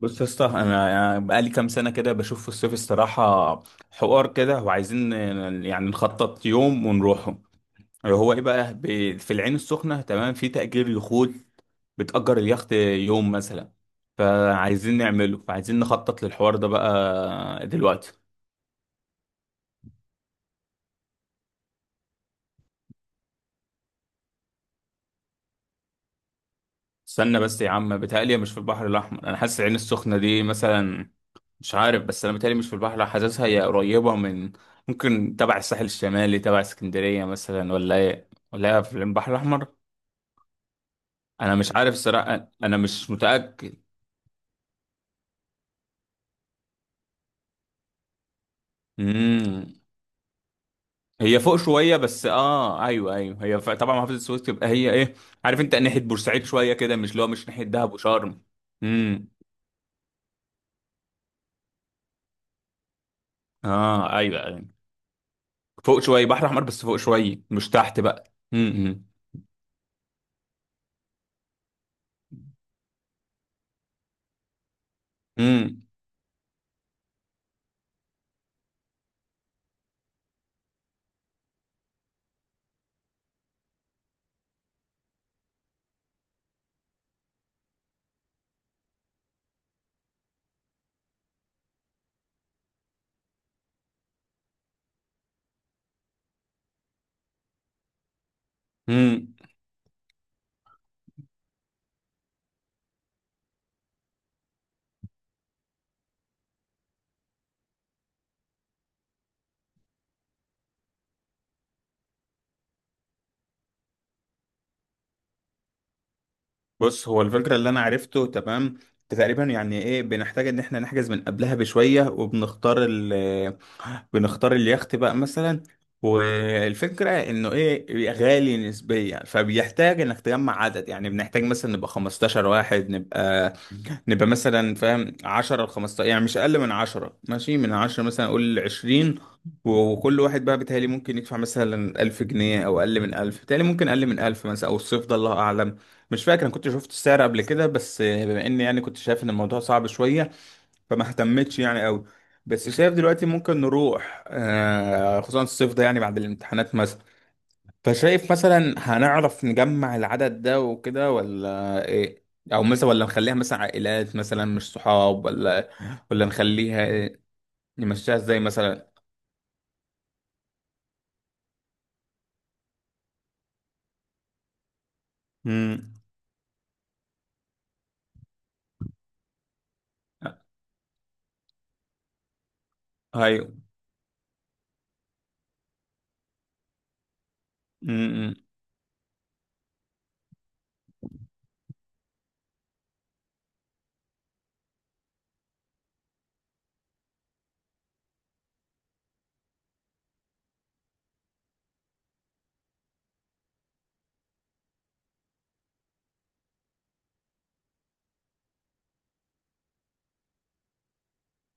بص يا اسطى، انا يعني بقالي كام سنه كده بشوف في الصيف الصراحه حوار كده وعايزين يعني نخطط يوم ونروحه. هو ايه بقى، في العين السخنه تمام في تأجير يخوت. بتأجر اليخت يوم مثلا، فعايزين نعمله، فعايزين نخطط للحوار ده بقى دلوقتي. استنى بس يا عم، بتهيألي مش في البحر الاحمر، انا حاسس العين السخنه دي مثلا. مش عارف، بس انا بتهيألي مش في البحر، حاسسها هي قريبة من، ممكن تبع الساحل الشمالي تبع اسكندرية مثلا، ولا ايه، ولا هي في البحر الاحمر؟ انا مش عارف الصراحة، انا مش متأكد. امم. هي فوق شوية، بس اه، ايوه ايوه، هي طبعا محافظة السويس تبقى هي ايه. عارف انت ناحية بورسعيد شوية كده، مش اللي هو مش ناحية دهب وشرم؟ امم. اه ايوه ايوه، فوق شوية بحر احمر، بس فوق شوية مش تحت بقى. امم. امم. بص، هو الفكرة اللي أنا عرفته تمام. تقريبا يعني إيه، بنحتاج إن إحنا نحجز من قبلها بشوية وبنختار بنختار اليخت بقى مثلا. والفكرة إنه إيه غالي نسبيا، فبيحتاج إنك تجمع عدد، يعني بنحتاج مثلا نبقى 15 واحد، نبقى مثلا فاهم 10 ل 15، يعني مش اقل من 10، ماشي، من 10 مثلا اقول 20. وكل واحد بقى بيتهيألي ممكن يدفع مثلا 1000 جنيه او اقل من 1000، بيتهيألي ممكن اقل من 1000 مثلا، او الصيف ده الله اعلم. مش فاكر انا كنت شفت السعر قبل كده، بس بما اني يعني كنت شايف ان الموضوع صعب شويه، فما اهتمتش يعني قوي. بس شايف دلوقتي ممكن نروح، خصوصا الصيف ده يعني بعد الامتحانات مثلا. فشايف مثلا هنعرف نجمع العدد ده وكده ولا ايه؟ او مثلا ولا نخليها مثلا عائلات مثلا مش صحاب، ولا نخليها إيه؟ نمشيها ازاي مثلا؟ امم. ايوه. امم.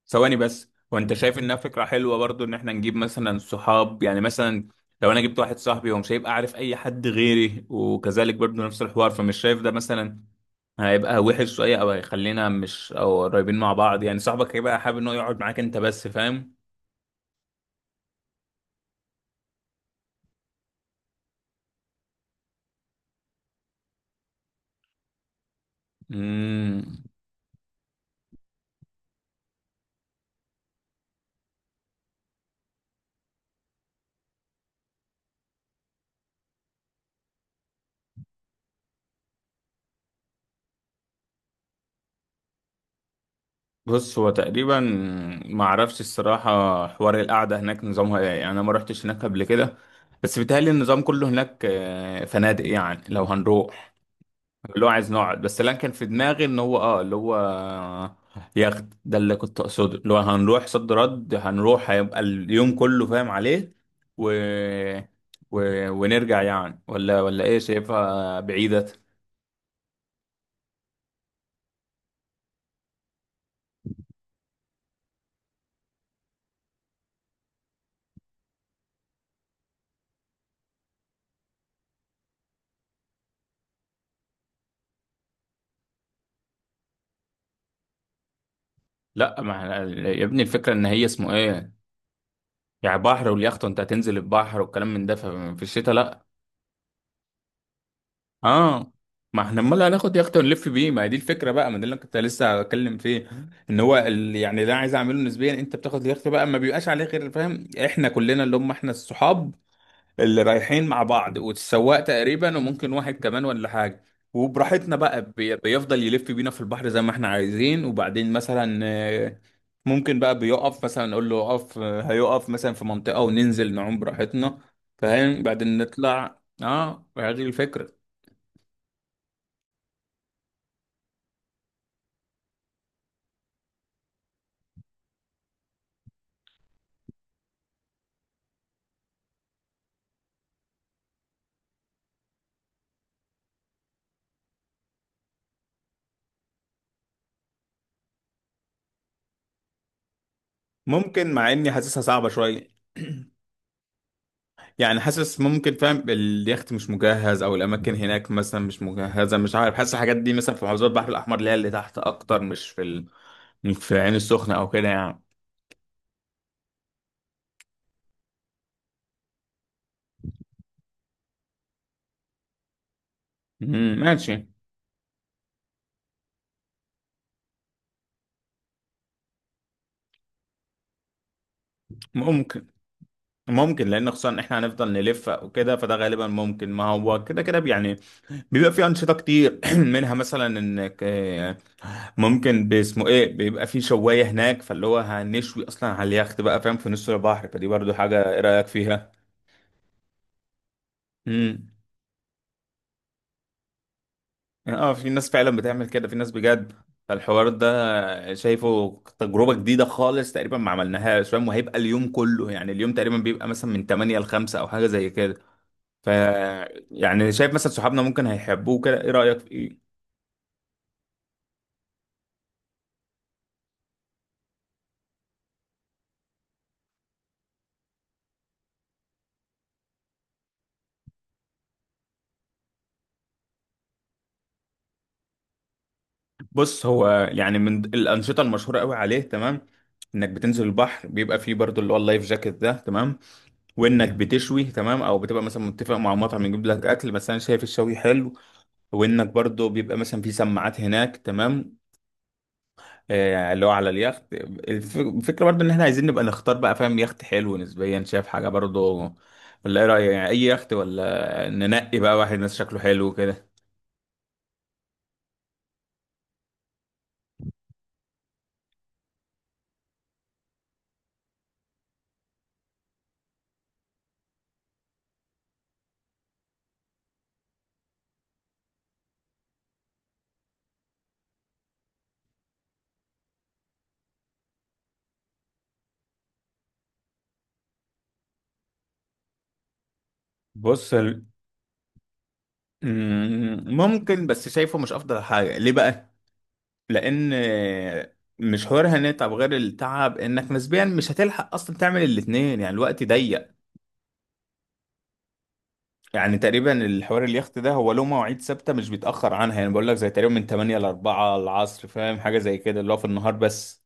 ثواني بس، وانت شايف انها فكره حلوه برضو ان احنا نجيب مثلا صحاب يعني مثلا. لو انا جبت واحد صاحبي، هو مش هيبقى عارف اي حد غيري، وكذلك برضو نفس الحوار، فمش شايف ده مثلا هيبقى وحش شويه، او هيخلينا مش، او قريبين مع بعض؟ يعني صاحبك هيبقى حابب انه يقعد معاك انت بس، فاهم؟ مم. بص، هو تقريبا ما اعرفش الصراحه، حوار القعده هناك نظامها ايه يعني، انا ما رحتش هناك قبل كده. بس بيتهيألي النظام كله هناك، فنادق يعني لو هنروح. اللي هو عايز نقعد، بس اللي أنا كان في دماغي ان هو اللي هو ياخد ده اللي كنت اقصده، اللي هو هنروح صد رد، هنروح هيبقى اليوم كله، فاهم عليه. و... و... ونرجع يعني، ولا ايه، شايفها بعيدة؟ لا، ما إحنا- يا ابني، الفكرة ان هي اسمه ايه، يعني بحر واليخت وانت هتنزل البحر والكلام من ده، ففي الشتاء لا. اه، ما احنا امال هناخد يخت ونلف بيه، ما هي دي الفكره بقى، ما ده اللي أنا كنت لسه بتكلم فيه. ان هو يعني ده عايز اعمله نسبيا، انت بتاخد اليخت بقى ما بيبقاش عليه غير، فاهم، احنا كلنا اللي هم احنا الصحاب اللي رايحين مع بعض والسواق تقريبا، وممكن واحد كمان ولا حاجة. وبراحتنا بقى بيفضل يلف بينا في البحر زي ما احنا عايزين، وبعدين مثلا ممكن بقى بيقف مثلا، نقول له اقف، هيقف مثلا في منطقة، وننزل نعوم براحتنا. فاهم، بعدين نطلع، هذه الفكرة. ممكن، مع اني حاسسها صعبة شوية. يعني حاسس، ممكن فاهم اليخت مش مجهز، او الاماكن هناك مثلا مش مجهزه، مش عارف، حاسس الحاجات دي مثلا في محافظات البحر الاحمر اللي هي اللي تحت اكتر، مش في مش في العين السخنه او كده يعني. مم، ماشي. ممكن. ممكن لان خصوصا احنا هنفضل نلف وكده، فده غالبا ممكن، ما هو كده كده يعني. بيبقى في انشطه كتير منها مثلا انك ممكن باسمه ايه، بيبقى في شوايه هناك، فاللي هو هنشوي اصلا على اليخت بقى، فاهم، في نص البحر، فدي برضو حاجه، ايه رايك فيها؟ امم. يعني في ناس فعلا بتعمل كده، في ناس بجد. فالحوار ده شايفه تجربة جديدة خالص، تقريبا ما عملناهاش، فاهم، وهيبقى اليوم كله، يعني اليوم تقريبا بيبقى مثلا من 8 ل 5 او حاجة زي كده. ف يعني شايف مثلا صحابنا ممكن هيحبوه كده، ايه رأيك في ايه؟ بص، هو يعني من الأنشطة المشهورة قوي عليه تمام. انك بتنزل البحر بيبقى فيه برضو اللي هو اللايف جاكيت ده تمام. وانك بتشوي تمام، او بتبقى مثلا متفق مع مطعم يجيب لك اكل، بس انا شايف الشوي حلو. وانك برضو بيبقى مثلا في سماعات هناك تمام. اللي هو على اليخت الفكرة برضو ان احنا عايزين نبقى نختار بقى، فاهم، يخت حلو نسبيا، شايف حاجة برضو؟ ولا ايه رأيك؟ يعني اي يخت، ولا ننقي بقى واحد ناس شكله حلو كده؟ بص، ممكن، بس شايفه مش افضل حاجة، ليه بقى؟ لان مش حوار هنتعب غير التعب، انك نسبيا مش هتلحق اصلا تعمل الاتنين، يعني الوقت ضيق. يعني تقريبا الحوار اليخت ده هو له مواعيد ثابته مش بيتاخر عنها، يعني بقول لك زي تقريبا من 8 ل 4 العصر، فاهم، حاجه زي كده، اللي هو في النهار بس.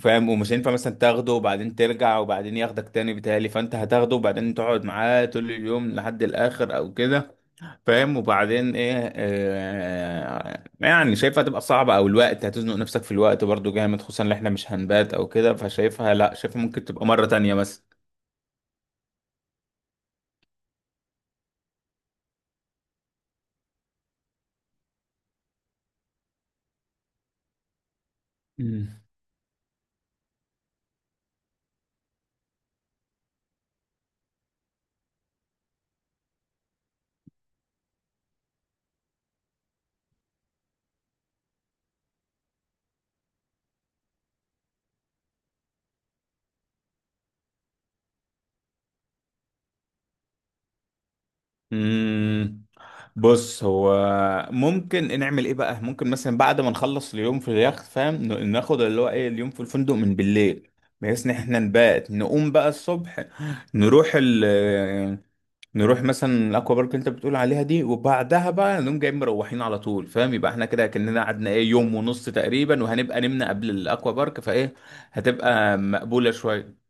فاهم، ومش هينفع مثلا تاخده وبعدين ترجع وبعدين ياخدك تاني، بتهيألي فانت هتاخده وبعدين تقعد معاه طول اليوم لحد الاخر او كده. فاهم، وبعدين ايه، يعني شايفها تبقى صعبة، او الوقت هتزنق نفسك في الوقت برضو جامد، خصوصا ان احنا مش هنبات او كده، فشايفها لا، شايفها ممكن تبقى مرة تانية بس. مم. بص، هو ممكن نعمل ايه بقى؟ ممكن مثلا بعد ما نخلص اليوم في اليخت، فاهم، ناخد اللي هو ايه اليوم في الفندق من بالليل. بحيث ان احنا نبات، نقوم بقى الصبح، نروح ال نروح مثلا الاكوا بارك اللي انت بتقول عليها دي، وبعدها بقى نقوم جايين مروحين على طول، فاهم، يبقى احنا كده كأننا قعدنا ايه يوم ونص تقريبا، وهنبقى نمنا قبل الاكوا بارك فايه. هتبقى مقبولة شوية.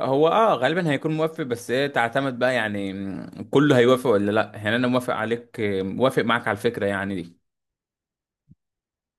هو غالبا هيكون موافق، بس هي تعتمد بقى يعني، كله هيوافق ولا لا؟ يعني انا موافق عليك، موافق معاك على الفكرة يعني دي.